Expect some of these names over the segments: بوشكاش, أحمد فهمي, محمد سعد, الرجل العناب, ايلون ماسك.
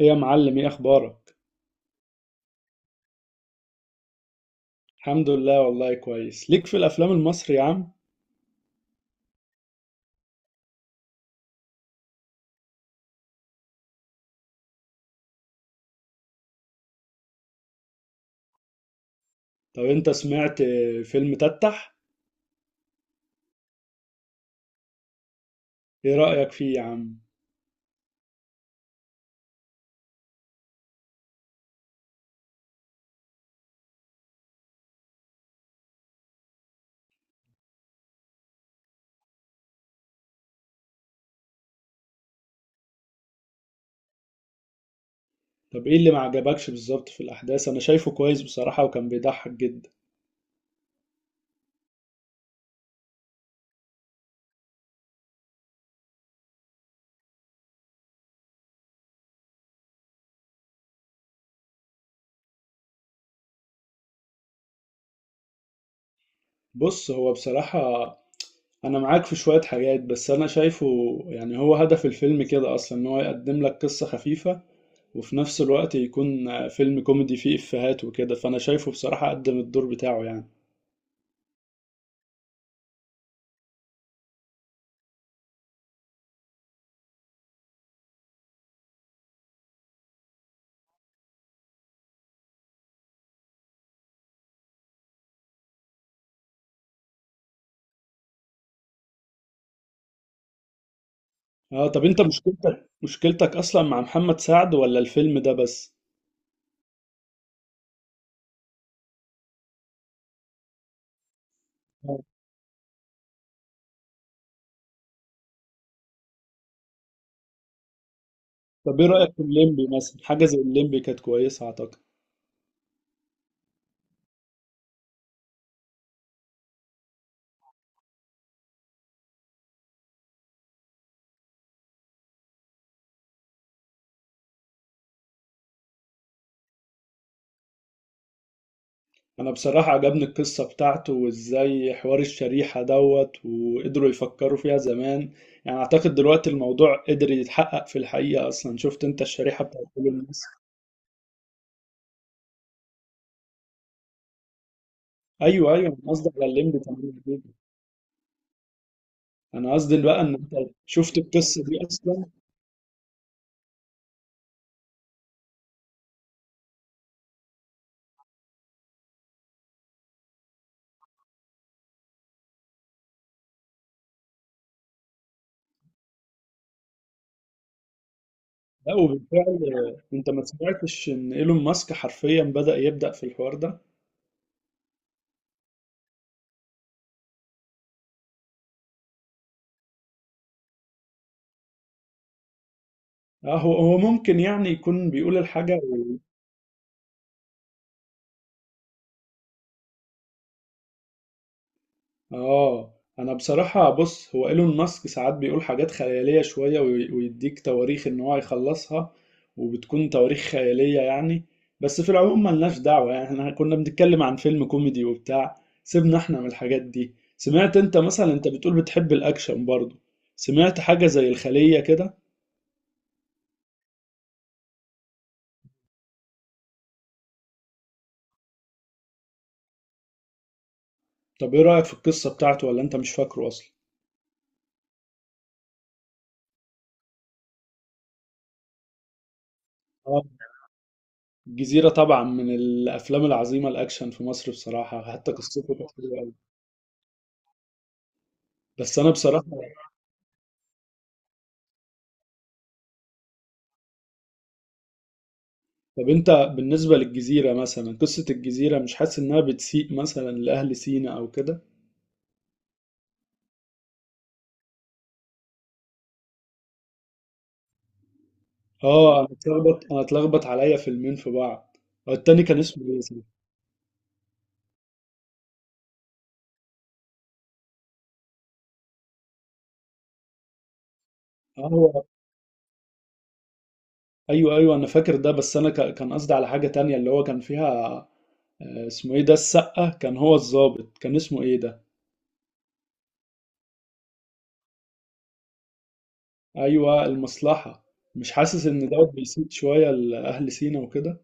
ايه يا معلم، ايه اخبارك؟ الحمد لله والله كويس. ليك في الافلام المصري يا عم؟ طب انت سمعت فيلم تتح؟ ايه رأيك فيه يا عم؟ طب ايه اللي ما عجبكش بالظبط في الاحداث؟ انا شايفه كويس بصراحة وكان بيضحك جدا. بص هو بصراحة انا معاك في شوية حاجات بس انا شايفه يعني هو هدف الفيلم كده اصلا ان هو يقدم لك قصة خفيفة، وفي نفس الوقت يكون فيلم كوميدي فيه افيهات وكده، فانا شايفه بصراحة قدم الدور بتاعه يعني. اه، طب انت مشكلتك اصلا مع محمد سعد ولا الفيلم ده بس؟ آه. طب ايه رأيك في الليمبي مثلا؟ حاجة زي الليمبي كانت كويسة اعتقد. انا بصراحة عجبني القصة بتاعته، وازاي حوار الشريحة دوت وقدروا يفكروا فيها زمان. يعني اعتقد دلوقتي الموضوع قدر يتحقق في الحقيقة اصلا. شفت انت الشريحة بتاعت كل الناس؟ ايوه ايوه، انا قصدي على الليمبي تمام جدا. انا قصدي بقى ان انت شفت القصة دي اصلا. لا وبالفعل، انت ما سمعتش ان ايلون ماسك حرفيا يبدأ في الحوار ده؟ اه، هو ممكن يعني يكون بيقول الحاجة و... اه انا بصراحة، بص، هو ايلون ماسك ساعات بيقول حاجات خيالية شوية، ويديك تواريخ ان هو هيخلصها، وبتكون تواريخ خيالية يعني. بس في العموم ملناش دعوة، يعني احنا كنا بنتكلم عن فيلم كوميدي وبتاع. سيبنا احنا من الحاجات دي. سمعت انت مثلا، انت بتقول بتحب الاكشن برضه، سمعت حاجة زي الخلية كده؟ طب ايه رأيك في القصة بتاعته ولا انت مش فاكره اصلا؟ الجزيرة طبعا من الأفلام العظيمة الأكشن في مصر بصراحة، حتى قصته كانت حلوة أوي. بس أنا بصراحة طب أنت بالنسبة للجزيرة مثلا، قصة الجزيرة مش حاسس إنها بتسيء مثلا لأهل سينا أو كده؟ آه أنا اتلخبط عليا فيلمين في بعض. هو التاني كان اسمه إيه؟ صح؟ آه هو أيوه أيوه، أنا فاكر ده، بس أنا كان قصدي على حاجة تانية اللي هو كان فيها، اسمه إيه ده؟ السقة كان هو الضابط، كان اسمه إيه ده؟ أيوه المصلحة. مش حاسس إن ده بيسيء شوية لأهل سينا وكده؟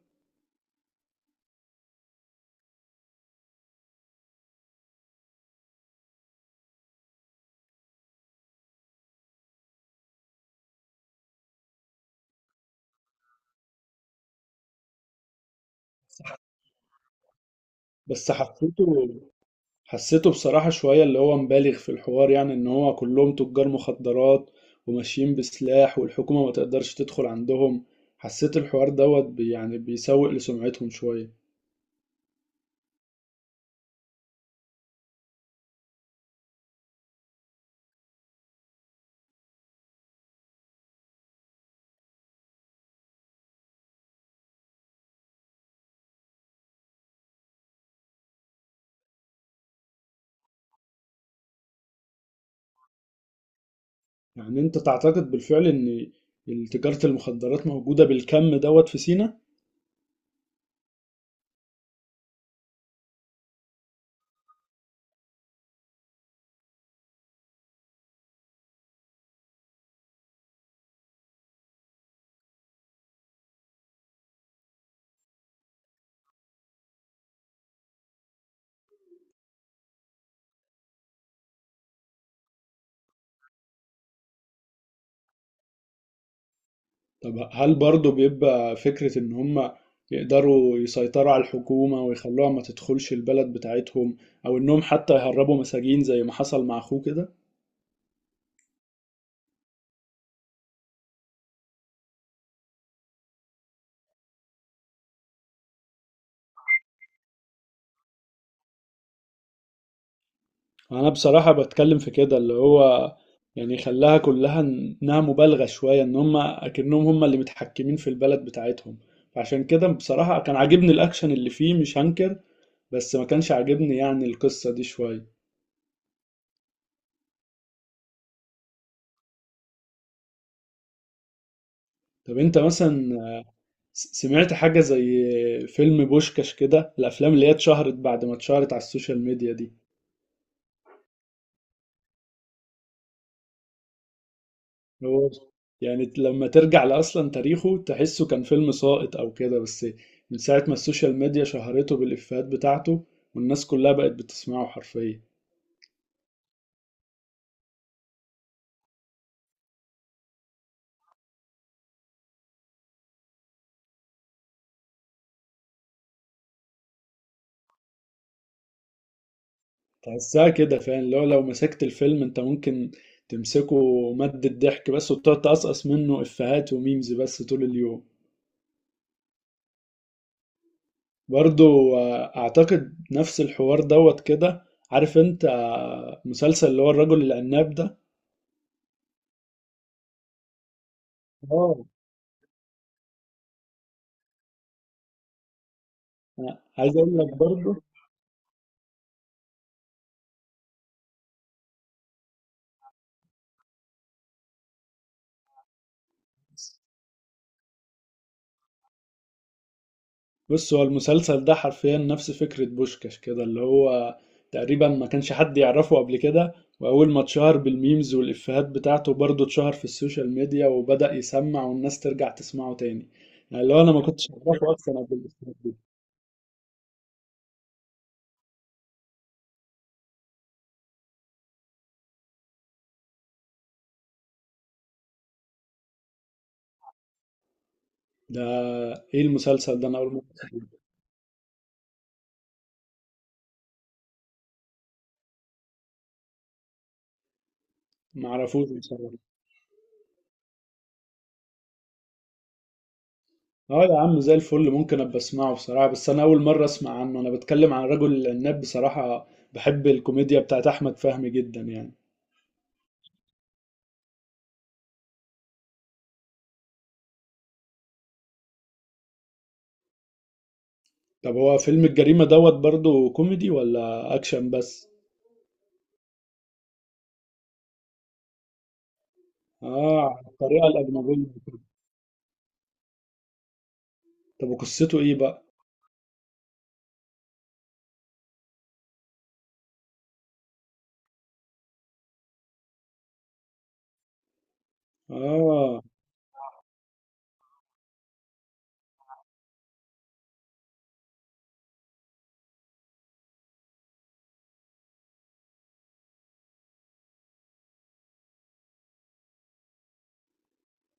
بس حسيته بصراحة شوية اللي هو مبالغ في الحوار، يعني ان هو كلهم تجار مخدرات وماشيين بسلاح والحكومة ما تقدرش تدخل عندهم. حسيت الحوار دوت يعني بيسوق لسمعتهم شوية. يعني انت تعتقد بالفعل ان تجارة المخدرات موجودة بالكم دوت في سينا؟ طب هل برضو بيبقى فكرة ان هم يقدروا يسيطروا على الحكومة ويخلوها ما تدخلش البلد بتاعتهم، او انهم حتى يهربوا مساجين زي ما حصل مع اخوه كده؟ انا بصراحة بتكلم في كده اللي هو يعني خلاها كلها انها مبالغة شوية، ان هم اكنهم هم اللي متحكمين في البلد بتاعتهم. عشان كده بصراحة كان عاجبني الاكشن اللي فيه مش هنكر، بس ما كانش عاجبني يعني القصة دي شوية. طب انت مثلا سمعت حاجة زي فيلم بوشكاش كده، الافلام اللي هي اتشهرت بعد ما اتشهرت على السوشيال ميديا دي؟ هو يعني لما ترجع لأصلا تاريخه تحسه كان فيلم ساقط أو كده، بس من ساعة ما السوشيال ميديا شهرته بالإفيهات بتاعته والناس كلها بقت بتسمعه حرفيا. تحسها كده فعلا، لو مسكت الفيلم أنت ممكن تمسكه مادة ضحك بس، وتقعد تقصقص منه إفيهات وميمز بس طول اليوم. برضو أعتقد نفس الحوار دوت كده. عارف أنت مسلسل اللي هو الرجل العناب ده؟ اه أنا عايز أقول لك برضو، بص هو المسلسل ده حرفيا نفس فكرة بوشكاش كده، اللي هو تقريبا ما كانش حد يعرفه قبل كده، وأول ما اتشهر بالميمز والإفيهات بتاعته برضه اتشهر في السوشيال ميديا وبدأ يسمع والناس ترجع تسمعه تاني. يعني اللي هو أنا ما كنتش أعرفه أصلا قبل الإفيهات دي. ده إيه المسلسل ده؟ أنا أول مرة أسمعه. ما أعرفوش بصراحة. أه يا عم زي الفل، ممكن أبقى أسمعه بصراحة، بس أنا أول مرة أسمع عنه. أنا بتكلم عن رجل العناب بصراحة، بحب الكوميديا بتاعت أحمد فهمي جدا يعني. طب هو فيلم الجريمة دوت برضه كوميدي ولا أكشن بس؟ آه على الطريقة الأجنبية كده. طب وقصته إيه بقى؟ آه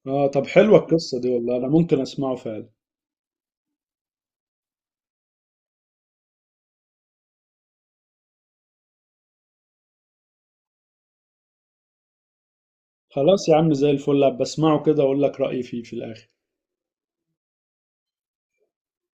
آه طب حلوة القصة دي والله، أنا ممكن أسمعه فعلا. خلاص يا عم زي الفل، بسمعه كده أقول لك رأيي فيه في الآخر.